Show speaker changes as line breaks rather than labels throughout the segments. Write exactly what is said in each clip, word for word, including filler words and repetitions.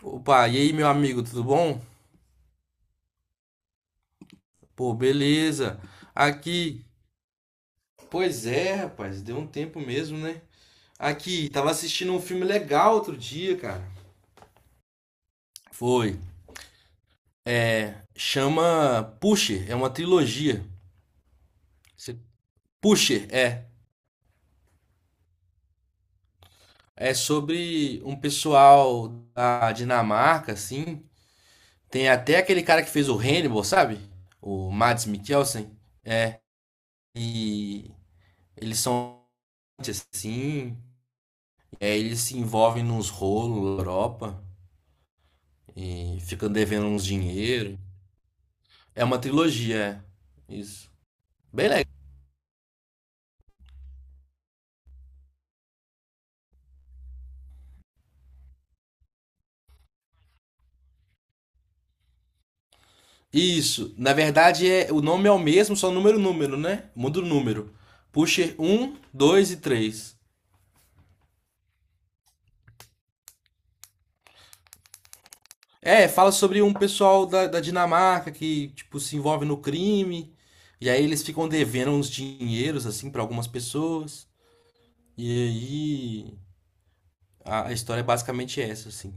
Opa, e aí, meu amigo, tudo bom? Pô, beleza. Aqui. Pois é, rapaz, deu um tempo mesmo, né? Aqui, tava assistindo um filme legal outro dia, cara. Foi. Chama Pusher, é uma trilogia. Você- Pusher, é. É sobre um pessoal da Dinamarca, assim. Tem até aquele cara que fez o Hannibal, sabe? O Mads Mikkelsen. E eles são assim. É, eles se envolvem nos rolos na Europa. E ficam devendo uns dinheiro. É uma trilogia, é. Isso. Bem legal. Isso. Na verdade, é, o nome é o mesmo, só número número, né? Muda o número. Pusher um dois e três. É, fala sobre um pessoal da, da Dinamarca que, tipo, se envolve no crime. E aí eles ficam devendo uns dinheiros, assim, pra algumas pessoas. E aí a, a história é basicamente essa, assim.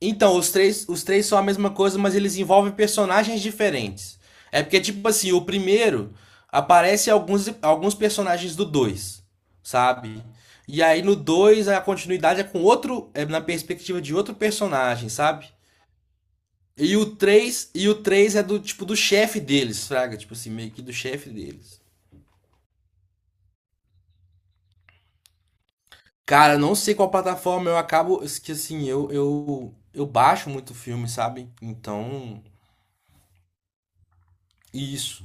Então, os três, os três são a mesma coisa, mas eles envolvem personagens diferentes. É porque, tipo assim, o primeiro aparece alguns, alguns personagens do dois, sabe? E aí no dois a continuidade é com outro, é na perspectiva de outro personagem, sabe? E o três e o três é do tipo do chefe deles, fraga, tipo assim, meio que do chefe deles. Cara, não sei qual plataforma eu acabo, que assim, eu eu eu baixo muito filme, sabe? Então, isso.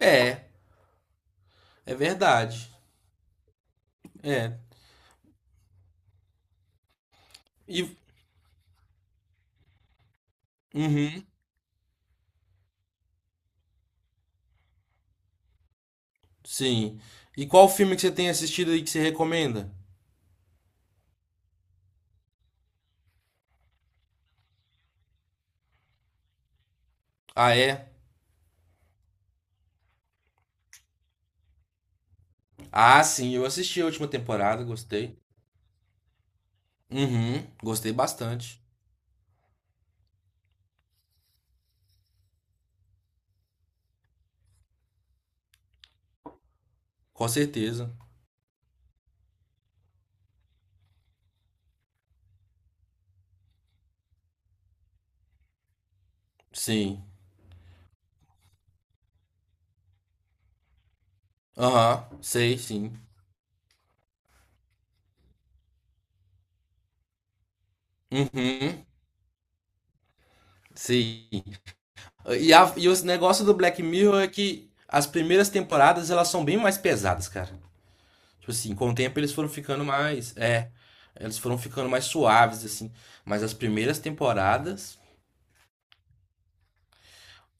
É, é verdade. É. E. Uhum, sim. E qual filme que você tem assistido aí que você recomenda? Ah, é? Ah, sim, eu assisti a última temporada, gostei. Uhum, gostei bastante. Com certeza. Sim. Aham, sei, sim. Uhum, sim. E, a, e o negócio do Black Mirror é que as primeiras temporadas elas são bem mais pesadas, cara. Tipo assim, com o tempo eles foram ficando mais. É. Eles foram ficando mais suaves, assim. Mas as primeiras temporadas.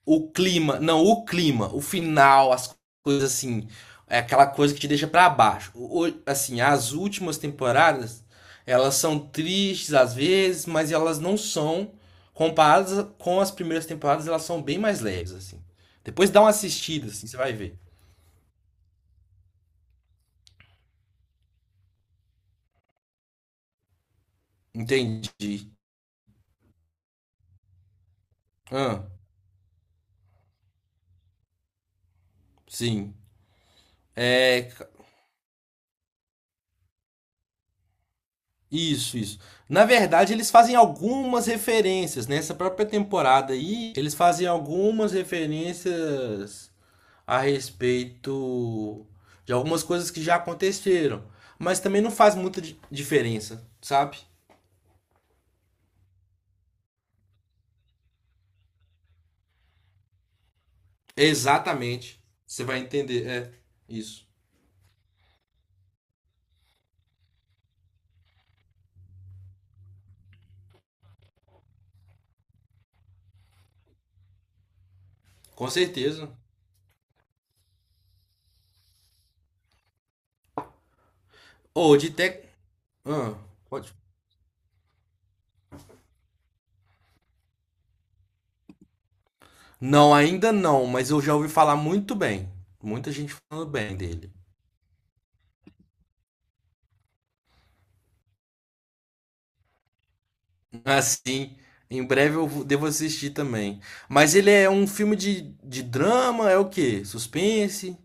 O clima, não, O clima, o final, as coisas assim, é aquela coisa que te deixa pra baixo. O- o- assim, as últimas temporadas, elas são tristes às vezes, mas elas não são comparadas a- com as primeiras temporadas, elas são bem mais leves assim. Depois dá uma assistida assim, você vai ver. Entendi. Ah, sim. É, ca- isso, isso. Na verdade, eles fazem algumas referências nessa própria temporada aí, eles fazem algumas referências a respeito de algumas coisas que já aconteceram, mas também não faz muita di- diferença, sabe? Exatamente. Você vai entender, é isso. Com certeza. Ou de tec, ah, pode. Não, ainda não, mas eu já ouvi falar muito bem. Muita gente falando bem dele. Assim, em breve eu vou- devo assistir também. Mas ele é um filme de, de drama, é o quê? Suspense?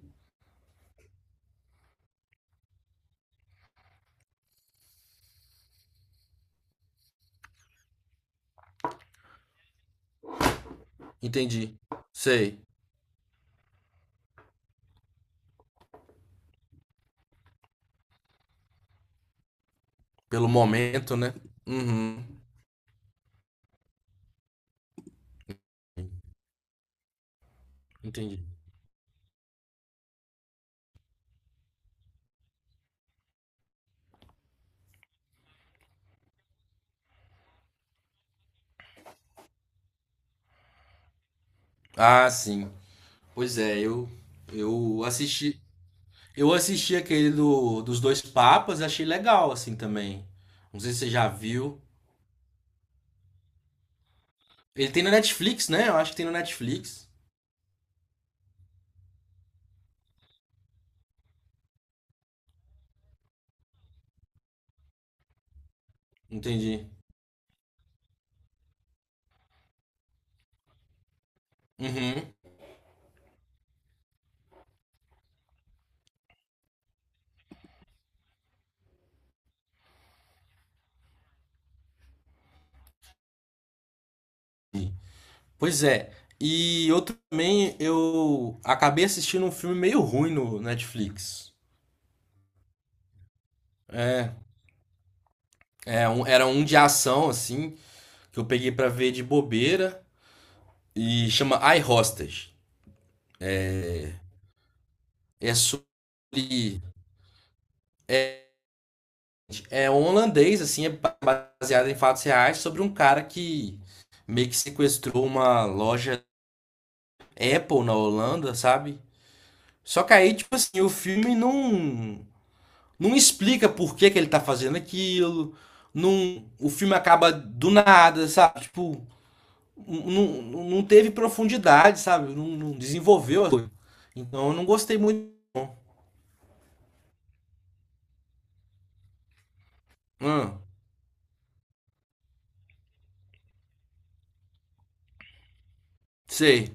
Entendi. Sei. Pelo momento, né? Uhum. Entendi. Ah, sim. Pois é, eu eu assisti, eu assisti aquele do, dos dois papas, achei legal assim também. Não sei se você já viu. Ele tem no Netflix, né? Eu acho que tem no Netflix. Entendi. Uhum. Pois é. E eu também eu acabei assistindo um filme meio ruim no Netflix. É, é um- era um de ação assim, que eu peguei pra ver de bobeira e chama I Hostage. É sobre é um holandês assim, é baseada em fatos reais sobre um cara que meio que sequestrou uma loja Apple na Holanda, sabe? Só que aí, tipo assim, o filme não não explica por que que ele tá fazendo aquilo. Não, o filme acaba do nada, sabe? Tipo, não, não teve profundidade, sabe? Não, não desenvolveu a coisa. Então eu não gostei muito. Hum, sei.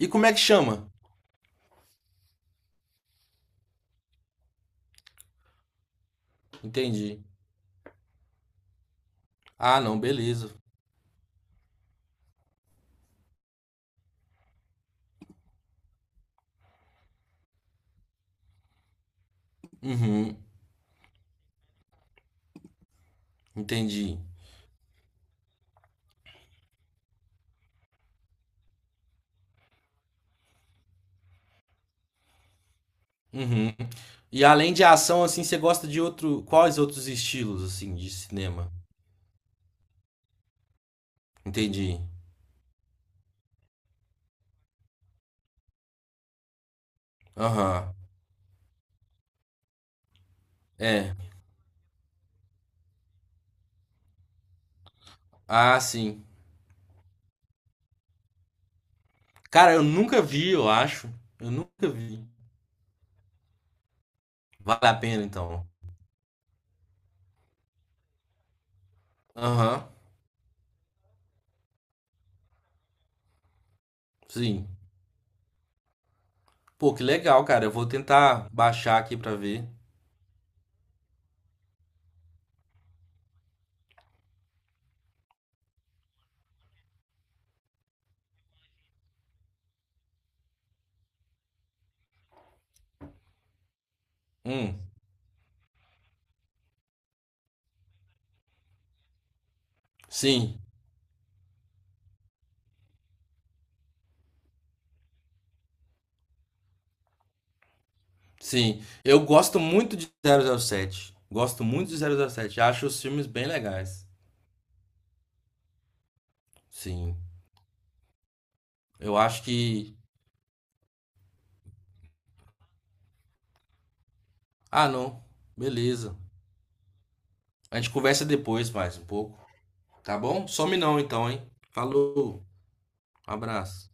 E como é que chama? Entendi. Ah, não, beleza. Uhum, entendi. Uhum. E além de ação, assim, você gosta de outro. Quais outros estilos, assim, de cinema? Entendi. Aham. É. Ah, sim. Cara, eu nunca vi, eu acho. Eu nunca vi. Vale a pena, então. Aham. Sim. Pô, que legal, cara. Eu vou tentar baixar aqui pra ver. Hum. Sim. Sim. Eu gosto muito de zero zero sete. Gosto muito de zero zero sete. Acho os filmes bem legais. Sim. Eu acho que. Ah, não. Beleza. A gente conversa depois mais um pouco, tá bom? Some não então, hein? Falou, um abraço.